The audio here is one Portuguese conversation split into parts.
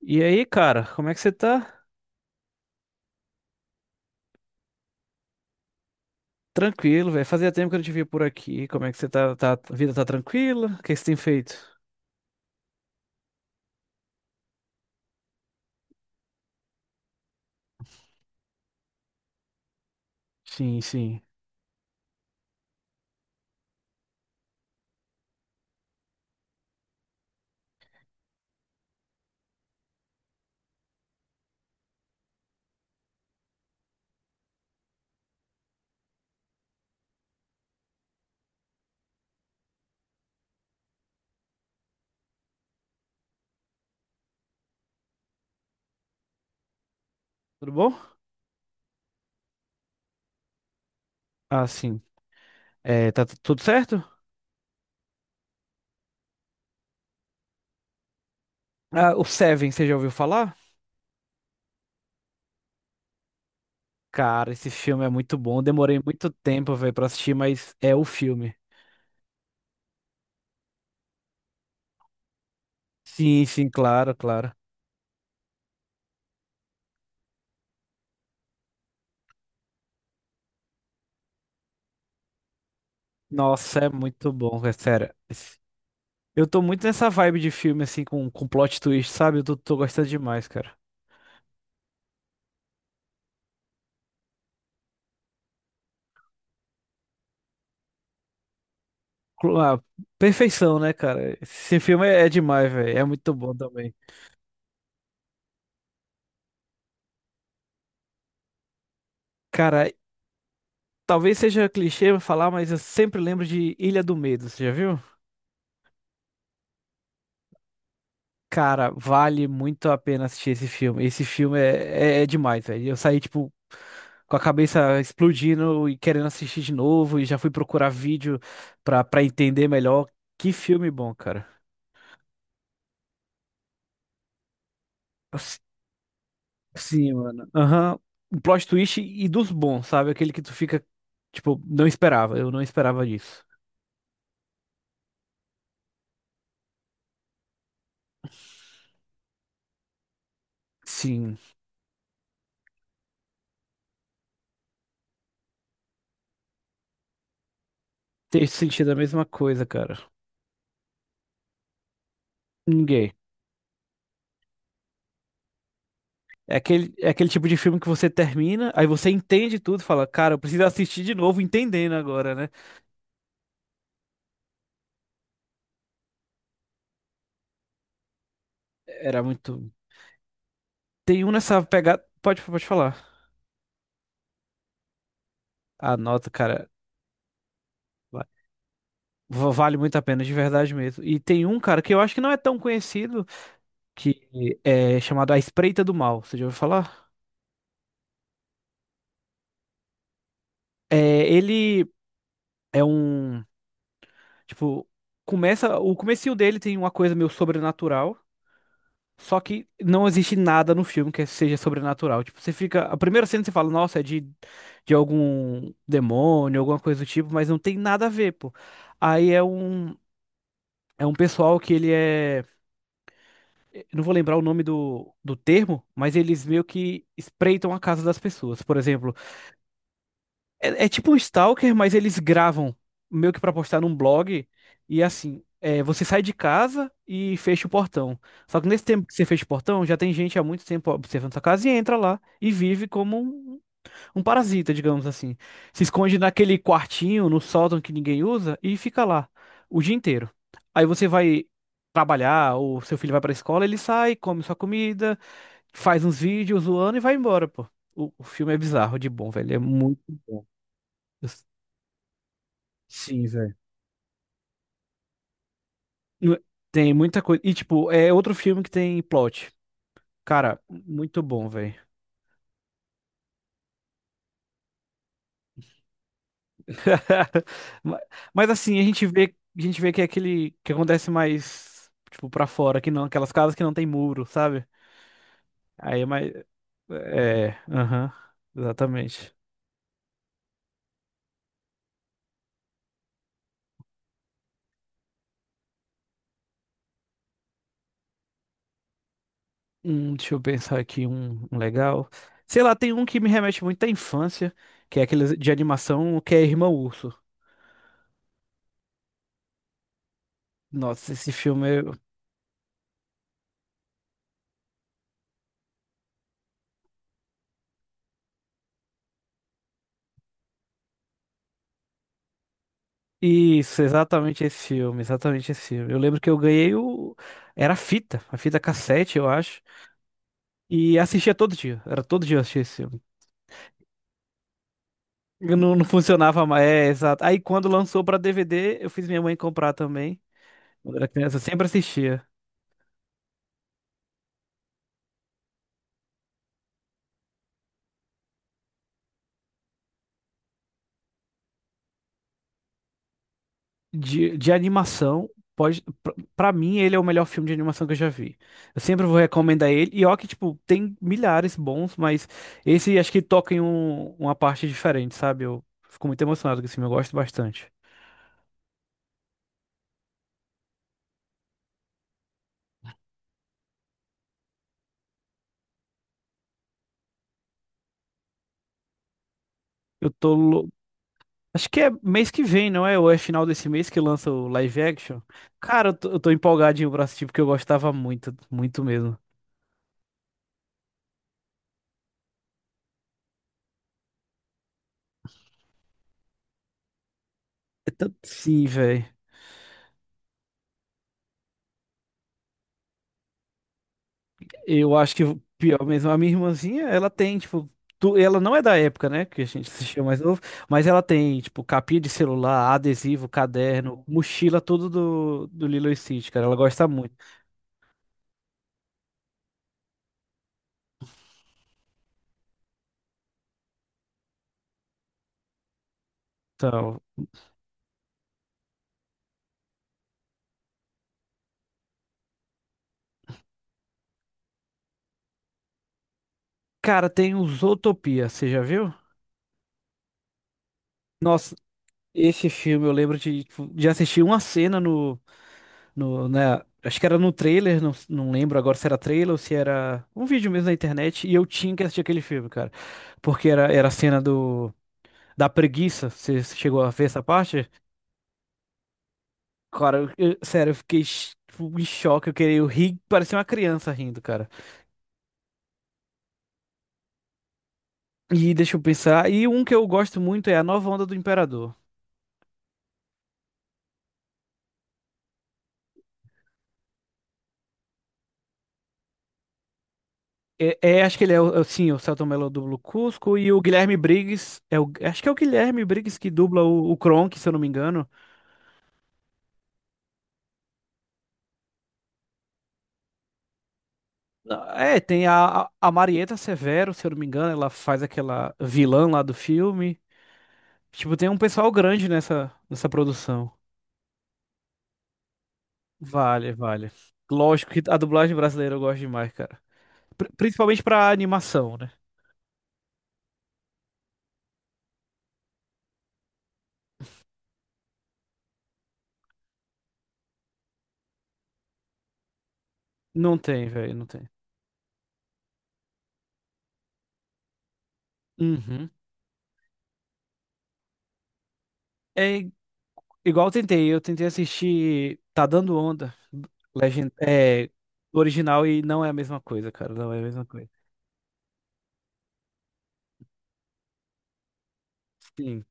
E aí, cara, como é que você tá? Tranquilo, velho. Fazia tempo que eu não te via por aqui. Como é que você tá? A vida tá tranquila? O que que você tem feito? Sim, sim. Tudo bom? Ah, sim. É, tudo certo? Ah, o Seven, você já ouviu falar? Cara, esse filme é muito bom. Demorei muito tempo, velho, pra assistir, mas é o filme. Sim, sim, claro, claro. Nossa, é muito bom, velho, sério. Eu tô muito nessa vibe de filme, assim, com plot twist, sabe? Tô gostando demais, cara. Ah, perfeição, né, cara? Esse filme é demais, velho. É muito bom também. Cara, talvez seja clichê falar, mas eu sempre lembro de Ilha do Medo, você já viu? Cara, vale muito a pena assistir esse filme. Esse filme é demais, velho. Eu saí, tipo, com a cabeça explodindo e querendo assistir de novo, e já fui procurar vídeo pra entender melhor. Que filme bom, cara. Sim, mano. Aham. Um plot twist e dos bons, sabe? Aquele que tu fica, tipo, não esperava. Eu não esperava disso. Sim. Ter sentido é a mesma coisa, cara. Ninguém. É aquele tipo de filme que você termina, aí você entende tudo, fala, cara, eu preciso assistir de novo, entendendo agora, né? Era muito. Tem um nessa pegada. Pode falar. A nota, cara. va- Vale muito a pena, de verdade mesmo. E tem um, cara, que eu acho que não é tão conhecido, que é chamado A Espreita do Mal. Você já ouviu falar? É, ele. É um, tipo, começa, o comecinho dele tem uma coisa meio sobrenatural, só que não existe nada no filme que seja sobrenatural. Tipo, você fica, a primeira cena você fala, nossa, de algum demônio, alguma coisa do tipo, mas não tem nada a ver, pô. Aí é um, é um pessoal que ele é, eu não vou lembrar o nome do termo, mas eles meio que espreitam a casa das pessoas. Por exemplo, é, é tipo um stalker, mas eles gravam meio que pra postar num blog. E assim, é, você sai de casa e fecha o portão. Só que nesse tempo que você fecha o portão, já tem gente há muito tempo observando sua casa e entra lá e vive como um parasita, digamos assim. Se esconde naquele quartinho, no sótão que ninguém usa e fica lá o dia inteiro. Aí você vai trabalhar, ou seu filho vai pra escola, ele sai, come sua comida, faz uns vídeos zoando e vai embora, pô. O filme é bizarro de bom, velho. É muito bom. Sim, velho. Não- Tem muita coisa. E, tipo, é outro filme que tem plot. Cara, muito bom, velho. Ma- Mas assim, a gente vê que é aquele que acontece mais, tipo, pra fora, que não, aquelas casas que não tem muro, sabe? Aí é mais. É, aham, exatamente. Deixa eu pensar aqui um legal. Sei lá, tem um que me remete muito à infância, que é aquele de animação que é Irmão Urso. Nossa, esse filme é. Isso, exatamente esse filme, exatamente esse filme. Eu lembro que eu ganhei o. Era a fita cassete, eu acho. E assistia todo dia. Era todo dia eu assistia esse filme. Eu Não, não funcionava mais. É, exato. Aí quando lançou pra DVD, eu fiz minha mãe comprar também. Quando era criança, eu sempre assistia. De animação, pode. Pra mim, ele é o melhor filme de animação que eu já vi. Eu sempre vou recomendar ele. E ó, que, tipo, tem milhares bons, mas esse acho que toca em uma parte diferente, sabe? Eu fico muito emocionado com esse filme, eu gosto bastante. Eu tô. Acho que é mês que vem, não é? Ou é final desse mês que lança o live action? Cara, eu tô empolgadinho pra assistir porque eu gostava muito, muito mesmo. Sim, velho. Eu acho que o pior mesmo. A minha irmãzinha, ela tem, tipo. Ela não é da época, né? Que a gente assistia mais novo. Mas ela tem, tipo, capinha de celular, adesivo, caderno, mochila, tudo do Lilo e Stitch, cara. Ela gosta muito. Então. Cara, tem o Zootopia, você já viu? Nossa, esse filme eu lembro de, tipo, de assistir uma cena no. No, né, acho que era no trailer, não lembro agora se era trailer ou se era um vídeo mesmo na internet, e eu tinha que assistir aquele filme, cara. Porque era a cena do, da preguiça, você chegou a ver essa parte? Cara, sério, eu fiquei tipo, em choque, eu queria, eu ri, parecia uma criança rindo, cara. E deixa eu pensar, e um que eu gosto muito é A Nova Onda do Imperador. Acho que ele é, o, sim, o Selton Mello dubla o Cusco e o Guilherme Briggs, é o, acho que é o Guilherme Briggs que dubla o Kronk, se eu não me engano. É, tem a Marieta Severo, se eu não me engano, ela faz aquela vilã lá do filme. Tipo, tem um pessoal grande nessa produção. Vale, vale. Lógico que a dublagem brasileira eu gosto demais, cara. Principalmente pra animação, né? Não tem, velho, não tem. Uhum. É i- Igual eu tentei assistir Tá Dando Onda, legend, é, do original e não é a mesma coisa, cara, não é a mesma coisa. Sim,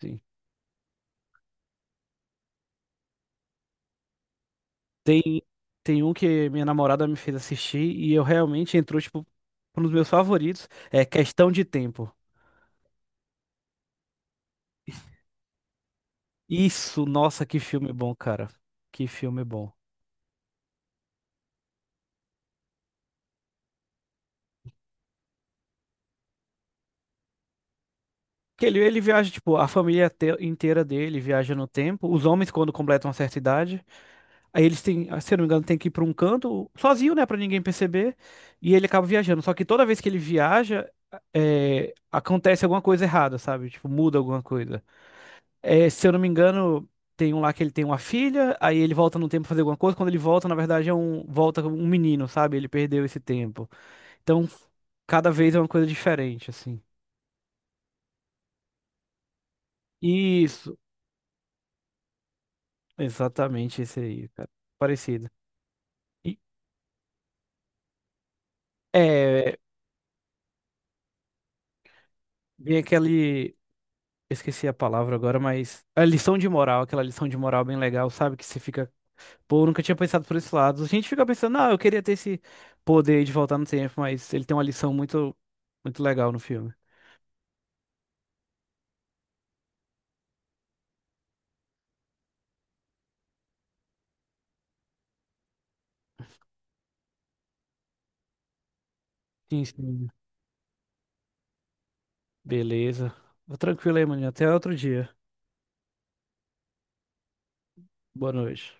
sim. Tem, tem um que minha namorada me fez assistir e eu realmente entrou, tipo, um dos meus favoritos. É Questão de Tempo. Isso, nossa, que filme bom, cara. Que filme bom. Que ele viaja, tipo, a família inteira dele viaja no tempo. Os homens, quando completam uma certa idade, aí eles têm, ah, se eu não me engano, tem que ir pra um canto, sozinho, né, pra ninguém perceber. E ele acaba viajando. Só que toda vez que ele viaja, é, acontece alguma coisa errada, sabe? Tipo, muda alguma coisa. É, se eu não me engano, tem um lá que ele tem uma filha, aí ele volta no tempo pra fazer alguma coisa. Quando ele volta, na verdade, é um, volta um menino, sabe? Ele perdeu esse tempo. Então, cada vez é uma coisa diferente, assim. Isso, exatamente esse aí, cara. Parecido. E, é, vem aquele. Eu Esqueci a palavra agora, mas a lição de moral, aquela lição de moral bem legal, sabe? Que você fica, pô, eu nunca tinha pensado por esse lado. A gente fica pensando, ah, eu queria ter esse poder de voltar no tempo, mas ele tem uma lição muito, muito legal no filme. Sim, sim. Beleza. Vou tranquilo aí, maninho. Até outro dia. Boa noite.